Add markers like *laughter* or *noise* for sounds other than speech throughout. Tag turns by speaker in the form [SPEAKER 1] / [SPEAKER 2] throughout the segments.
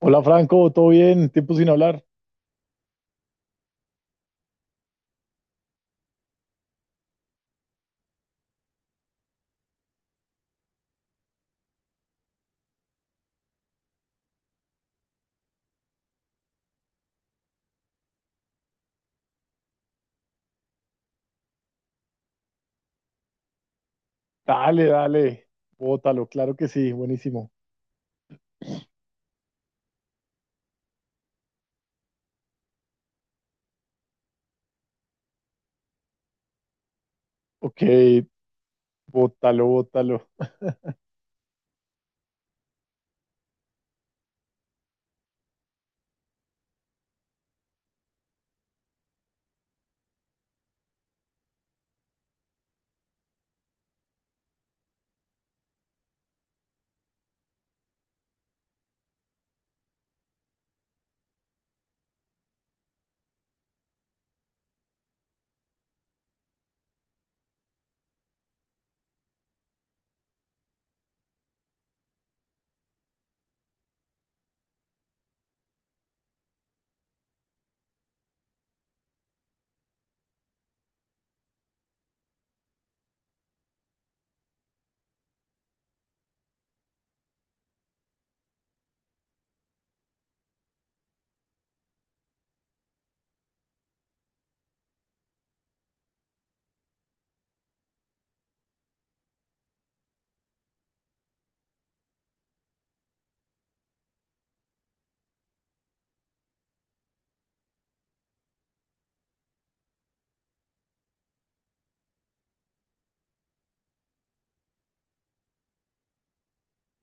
[SPEAKER 1] Hola Franco, ¿todo bien? Tiempo sin hablar. Dale, dale. Bótalo, claro que sí, buenísimo. Ok, bótalo, bótalo.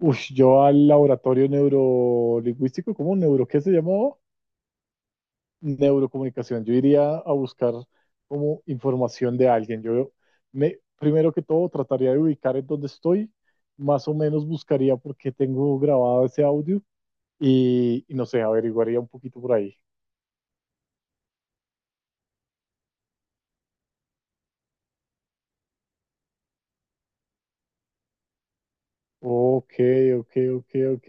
[SPEAKER 1] Uy, yo al laboratorio neurolingüístico, ¿cómo neuro? ¿Qué se llamó? Neurocomunicación. Yo iría a buscar como información de alguien. Yo me, primero que todo, trataría de ubicar en dónde estoy. Más o menos buscaría por qué tengo grabado ese audio y no sé, averiguaría un poquito por ahí. Ok, ok, ok, ok.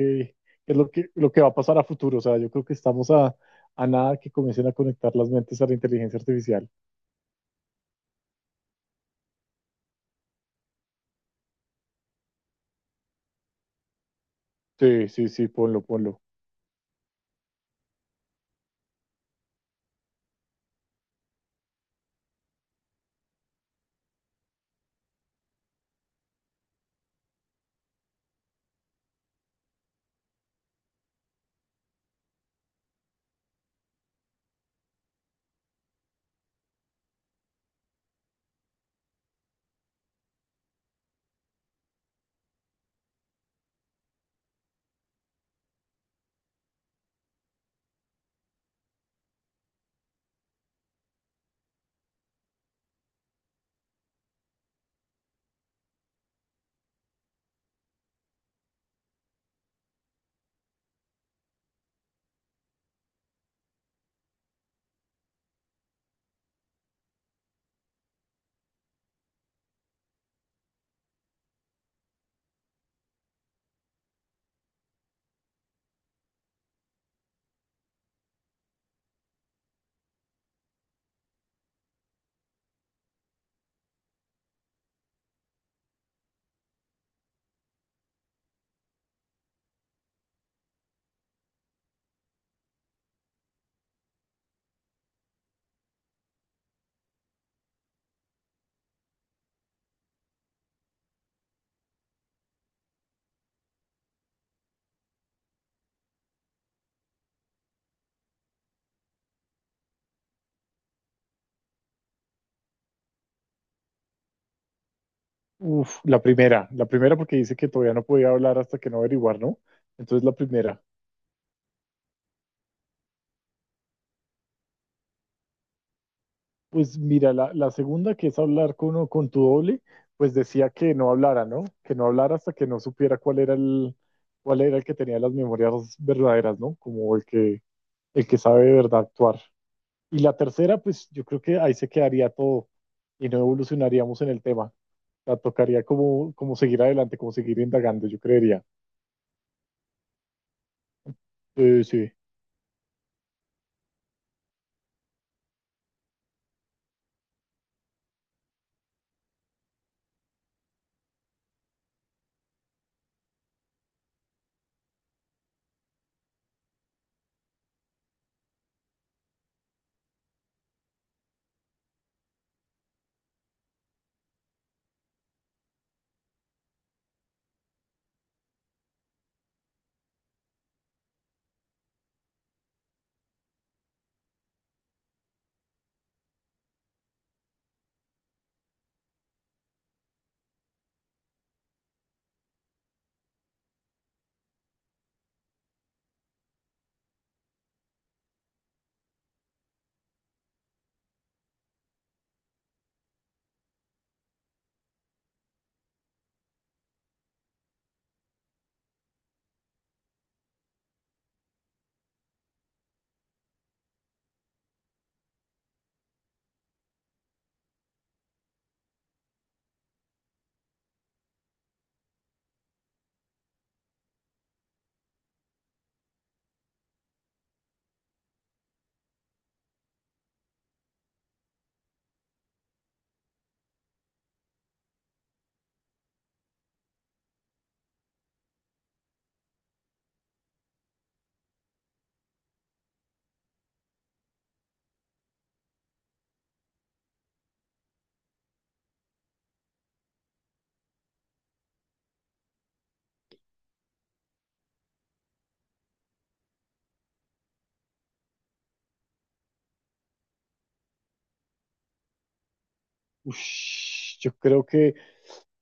[SPEAKER 1] Es lo que va a pasar a futuro. O sea, yo creo que estamos a nada que comiencen a conectar las mentes a la inteligencia artificial. Sí, sí, sí, ponlo, ponlo. Uf, la primera porque dice que todavía no podía hablar hasta que no averiguar, ¿no? Entonces la primera. Pues mira, la segunda que es hablar con tu doble, pues decía que no hablara, ¿no? Que no hablara hasta que no supiera cuál era el que tenía las memorias verdaderas, ¿no? Como el que sabe de verdad actuar. Y la tercera, pues yo creo que ahí se quedaría todo y no evolucionaríamos en el tema. O sea, tocaría como, como seguir adelante, como seguir indagando, yo creería. Sí, sí. Ush, yo creo que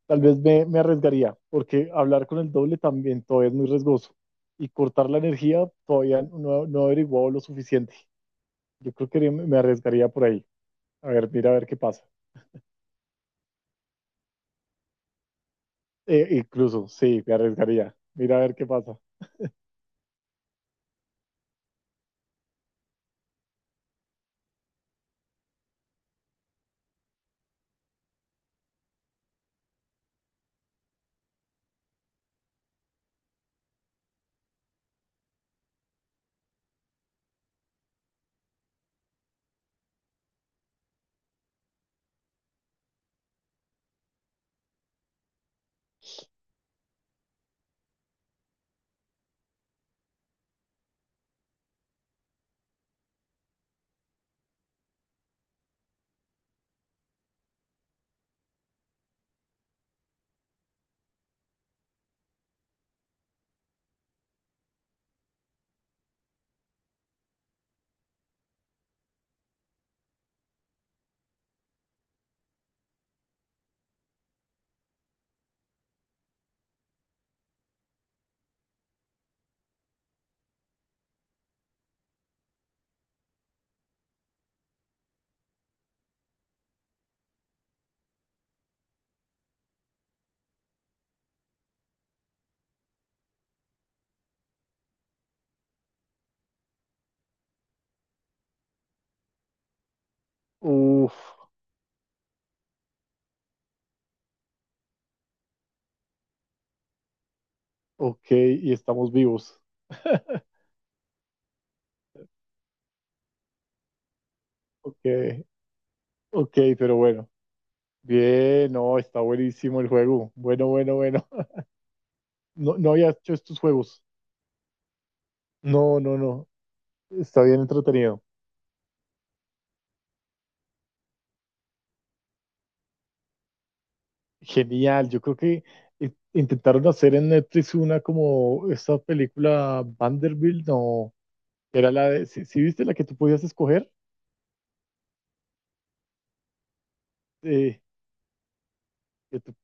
[SPEAKER 1] tal vez me arriesgaría, porque hablar con el doble también todavía es muy riesgoso. Y cortar la energía todavía no, no he averiguado lo suficiente. Yo creo que me arriesgaría por ahí. A ver, mira a ver qué pasa. Incluso, sí, me arriesgaría. Mira a ver qué pasa. Uf, ok, y estamos vivos. *laughs* Ok, ok, pero bueno. Bien, no, está buenísimo el juego. Bueno, bueno, bueno. *laughs* No, no había hecho estos juegos. No, no, no. Está bien entretenido. Genial. Yo creo que intentaron hacer en Netflix una como esta película Vanderbilt, no. Era la de, sí, ¿sí viste la que tú podías escoger? Eh, que tú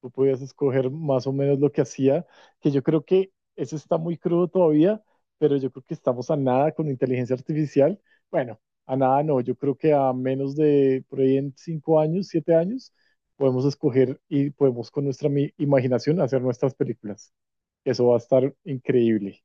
[SPEAKER 1] tú podías escoger más o menos lo que hacía, que yo creo que eso está muy crudo todavía, pero yo creo que estamos a nada con inteligencia artificial. Bueno, a nada no, yo creo que a menos de por ahí en 5 años, 7 años, podemos escoger y podemos con nuestra imaginación hacer nuestras películas. Eso va a estar increíble.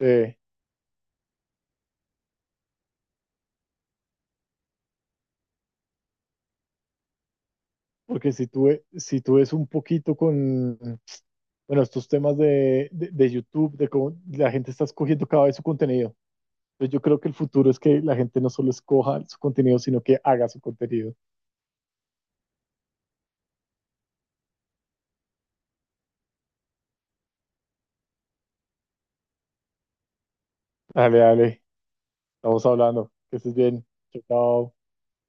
[SPEAKER 1] Eh, porque si tú, si tú ves un poquito con, bueno, estos temas de, de YouTube, de cómo la gente está escogiendo cada vez su contenido. Entonces yo creo que el futuro es que la gente no solo escoja su contenido, sino que haga su contenido. Dale, dale, estamos hablando. Que estés bien. Chao, chao.